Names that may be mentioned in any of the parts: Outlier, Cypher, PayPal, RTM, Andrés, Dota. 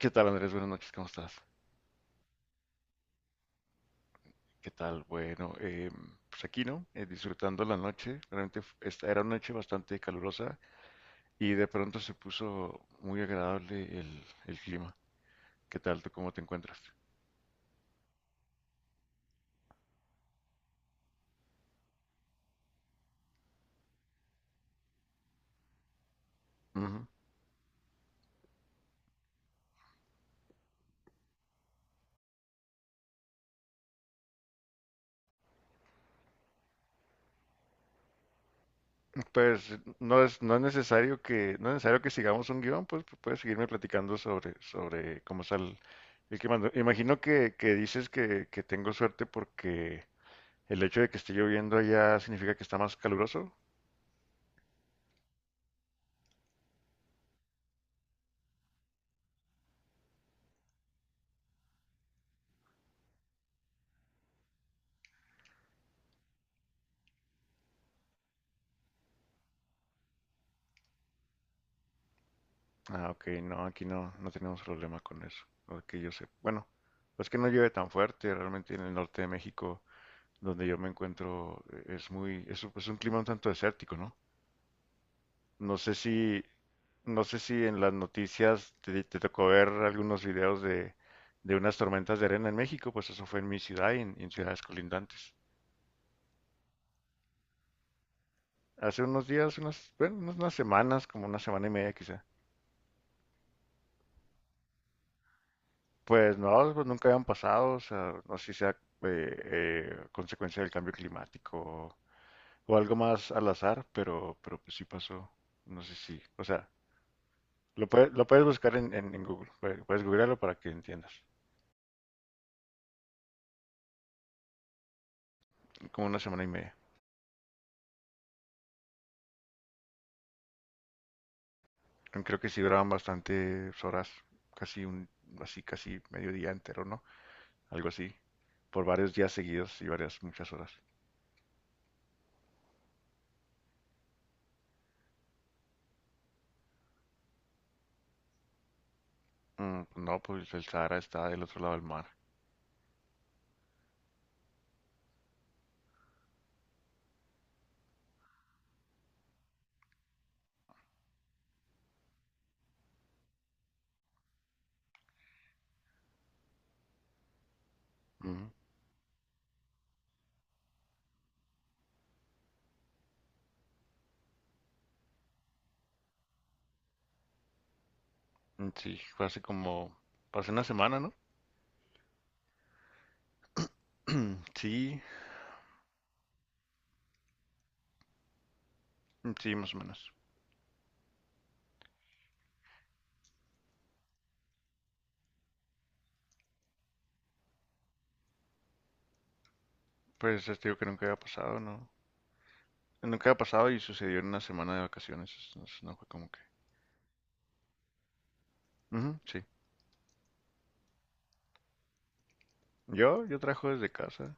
¿Qué tal, Andrés? Buenas noches, ¿cómo estás? ¿Qué tal? Bueno, pues aquí, ¿no? Disfrutando la noche. Realmente esta era una noche bastante calurosa y de pronto se puso muy agradable el clima. ¿Qué tal? ¿Tú cómo te encuentras? Ujú. Pues no es necesario no es necesario que sigamos un guión, pues puedes seguirme platicando sobre cómo está el clima. No, imagino que dices que tengo suerte porque el hecho de que esté lloviendo allá significa que está más caluroso. Ah, ok, no, aquí no, no tenemos problema con eso, lo que yo sé. Bueno, es que no llueve tan fuerte, realmente en el norte de México, donde yo me encuentro, es muy, un es un clima un tanto desértico, ¿no? No sé si, no sé si en las noticias te tocó ver algunos videos de unas tormentas de arena en México, pues eso fue en mi ciudad y en ciudades colindantes. Hace unos días, unas semanas, como una semana y media quizá. Pues no, pues nunca habían pasado, o sea, no sé si sea consecuencia del cambio climático o algo más al azar, pero pues sí pasó, no sé si, o sea, lo puedes buscar en Google, puedes googlearlo para que entiendas, como una semana y media. Creo que sí duraban bastantes horas, casi un, casi medio día entero, ¿no? Algo así, por varios días seguidos y muchas horas. Pues, no, pues el Sahara está del otro lado del mar. Ujú. Mm, sí, fue hace como, pasé una semana, ¿no? Sí, sí, más o menos. Pues es digo que nunca había pasado, ¿no? Nunca había pasado y sucedió en una semana de vacaciones. Entonces no fue como que. Ujú, sí. Yo trabajo desde casa.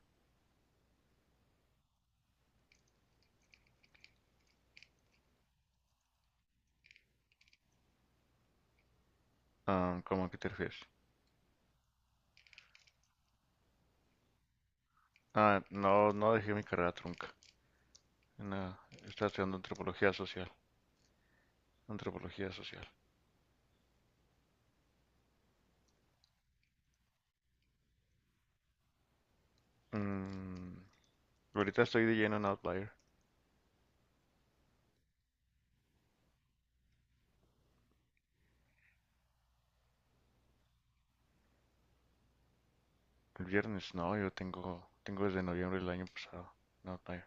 Ah, ¿cómo a qué te refieres? Ah, no, no dejé mi carrera trunca. En la- Estaba estudiando antropología social. Antropología social. Mm, ahorita estoy de lleno en Outlier. El viernes no, yo tengo, tengo desde noviembre del año pasado, en Outlier.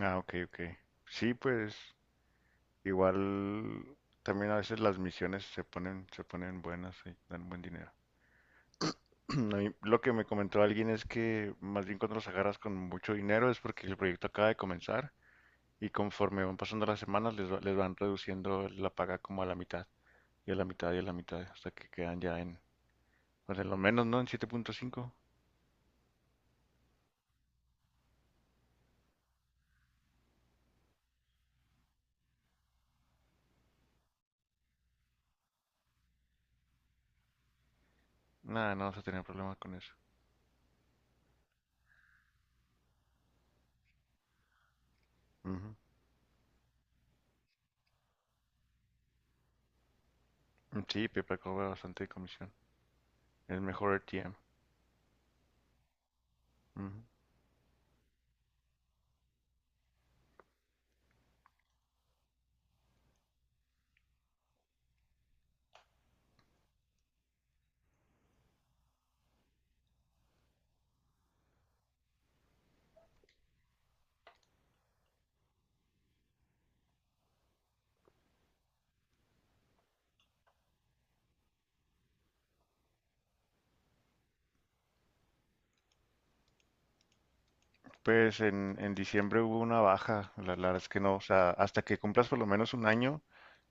Ah, ok, ok. Sí, pues. Igual también a veces las misiones se ponen buenas y dan buen dinero. A mí lo que me comentó alguien es que más bien cuando los agarras con mucho dinero es porque el proyecto acaba de comenzar y conforme van pasando las semanas les van reduciendo la paga como a la mitad y a la mitad y a la mitad hasta que quedan ya en, pues en lo menos, ¿no? En siete punto cinco. Nada, no vas a tener problema con eso. Ujú. Sí, PayPal cobra bastante de comisión. Es mejor RTM. Pues en diciembre hubo una baja, la verdad es que no, o sea, hasta que cumplas por lo menos un año,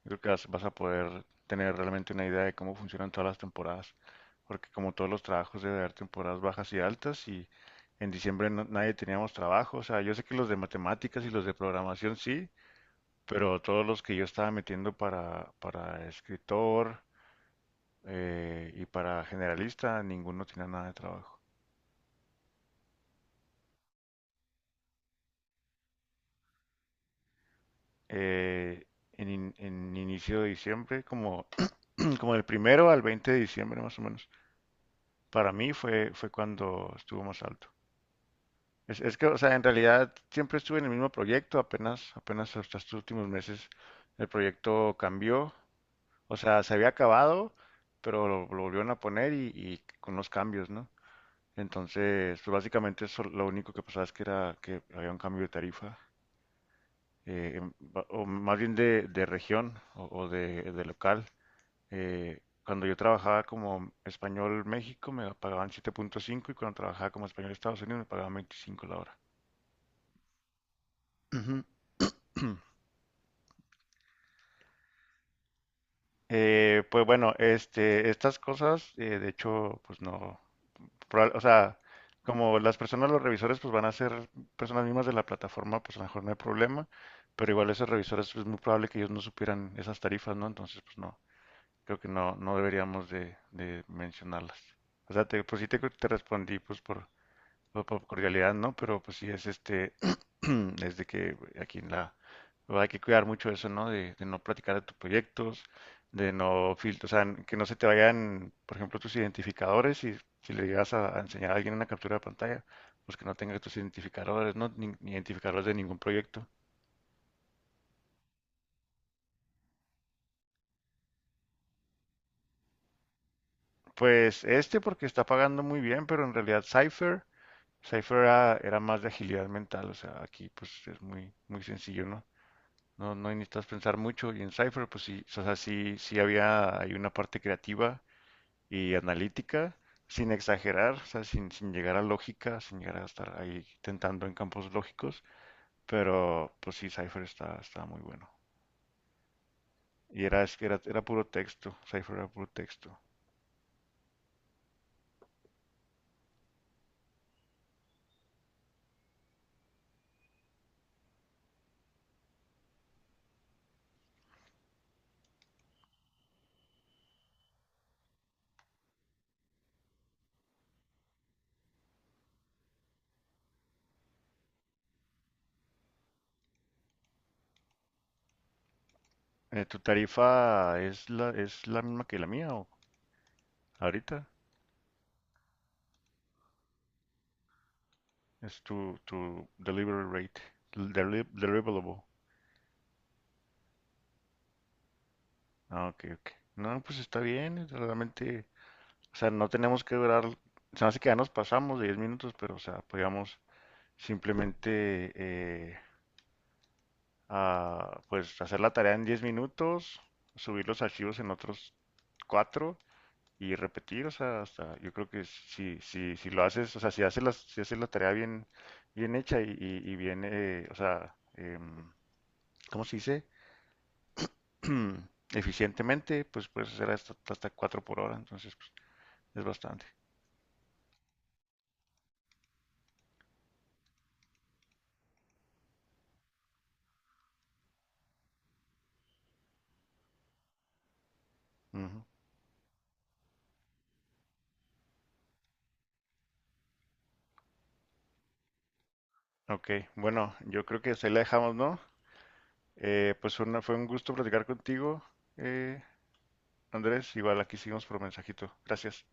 yo creo que vas, vas a poder tener realmente una idea de cómo funcionan todas las temporadas, porque como todos los trabajos debe haber temporadas bajas y altas y en diciembre nadie teníamos trabajo, o sea, yo sé que los de matemáticas y los de programación sí, pero todos los que yo estaba metiendo para escritor y para generalista, ninguno tenía nada de trabajo. eh, en, en inicio de diciembre, como, como del primero al 20 de diciembre más o menos. Para mí fue, fue cuando estuvo más alto. Es que, o sea, en realidad siempre estuve en el mismo proyecto, apenas hasta estos últimos meses el proyecto cambió. O sea, se había acabado, pero lo volvieron a poner y con los cambios, ¿no? Entonces, pues básicamente eso, lo único que pasaba es que era que había un cambio de tarifa, o más bien de región o de local. Cuando yo trabajaba como español México me pagaban 7.5 y cuando trabajaba como español Estados Unidos me pagaban 25 la hora. Ujú. Pues bueno, este, estas cosas, de hecho, pues no, o sea, como las personas, los revisores, pues van a ser personas mismas de la plataforma, pues a lo mejor no hay problema, pero igual esos revisores, pues es muy probable que ellos no supieran esas tarifas, ¿no? Entonces, pues no, creo que no, no deberíamos de mencionarlas. O sea, pues sí te respondí, pues por cordialidad, ¿no? Pero pues sí es este, es de que aquí en la, hay que cuidar mucho eso, ¿no? De no platicar de tus proyectos, de no filtrar, o sea, que no se te vayan, por ejemplo, tus identificadores y si le llegas a enseñar a alguien una captura de pantalla, pues que no tenga tus identificadores, ¿no? Ni identificadores de ningún proyecto. Pues este porque está pagando muy bien, pero en realidad Cypher era más de agilidad mental, o sea, aquí pues es muy, muy sencillo, ¿no? No, no necesitas pensar mucho. Y en Cypher, pues sí, o sea, sí, sí había hay una parte creativa y analítica, sin exagerar, o sea, sin llegar a lógica, sin llegar a estar ahí tentando en campos lógicos. Pero pues sí, Cypher está, está muy bueno. Es que era puro texto, Cypher era puro texto. ¿Tu tarifa es es la misma que la mía o ahorita? Es tu, tu delivery rate, deliverable. Ah, ok, ok. No, pues está bien, realmente. O sea, no tenemos que durar, se me hace que ya nos pasamos de 10 minutos, pero o sea, podíamos simplemente pues hacer la tarea en 10 minutos, subir los archivos en otros 4 y repetir, o sea, hasta yo creo que si lo haces, o sea, si haces la tarea bien, bien hecha y bien, o sea, ¿cómo se dice? Eficientemente, pues puedes hacer hasta, hasta 4 por hora, entonces pues, es bastante. Ujú. Ok, bueno, yo creo que hasta ahí la dejamos, ¿no? Pues fue un gusto platicar contigo, eh, Andrés. Igual aquí seguimos por mensajito. Gracias.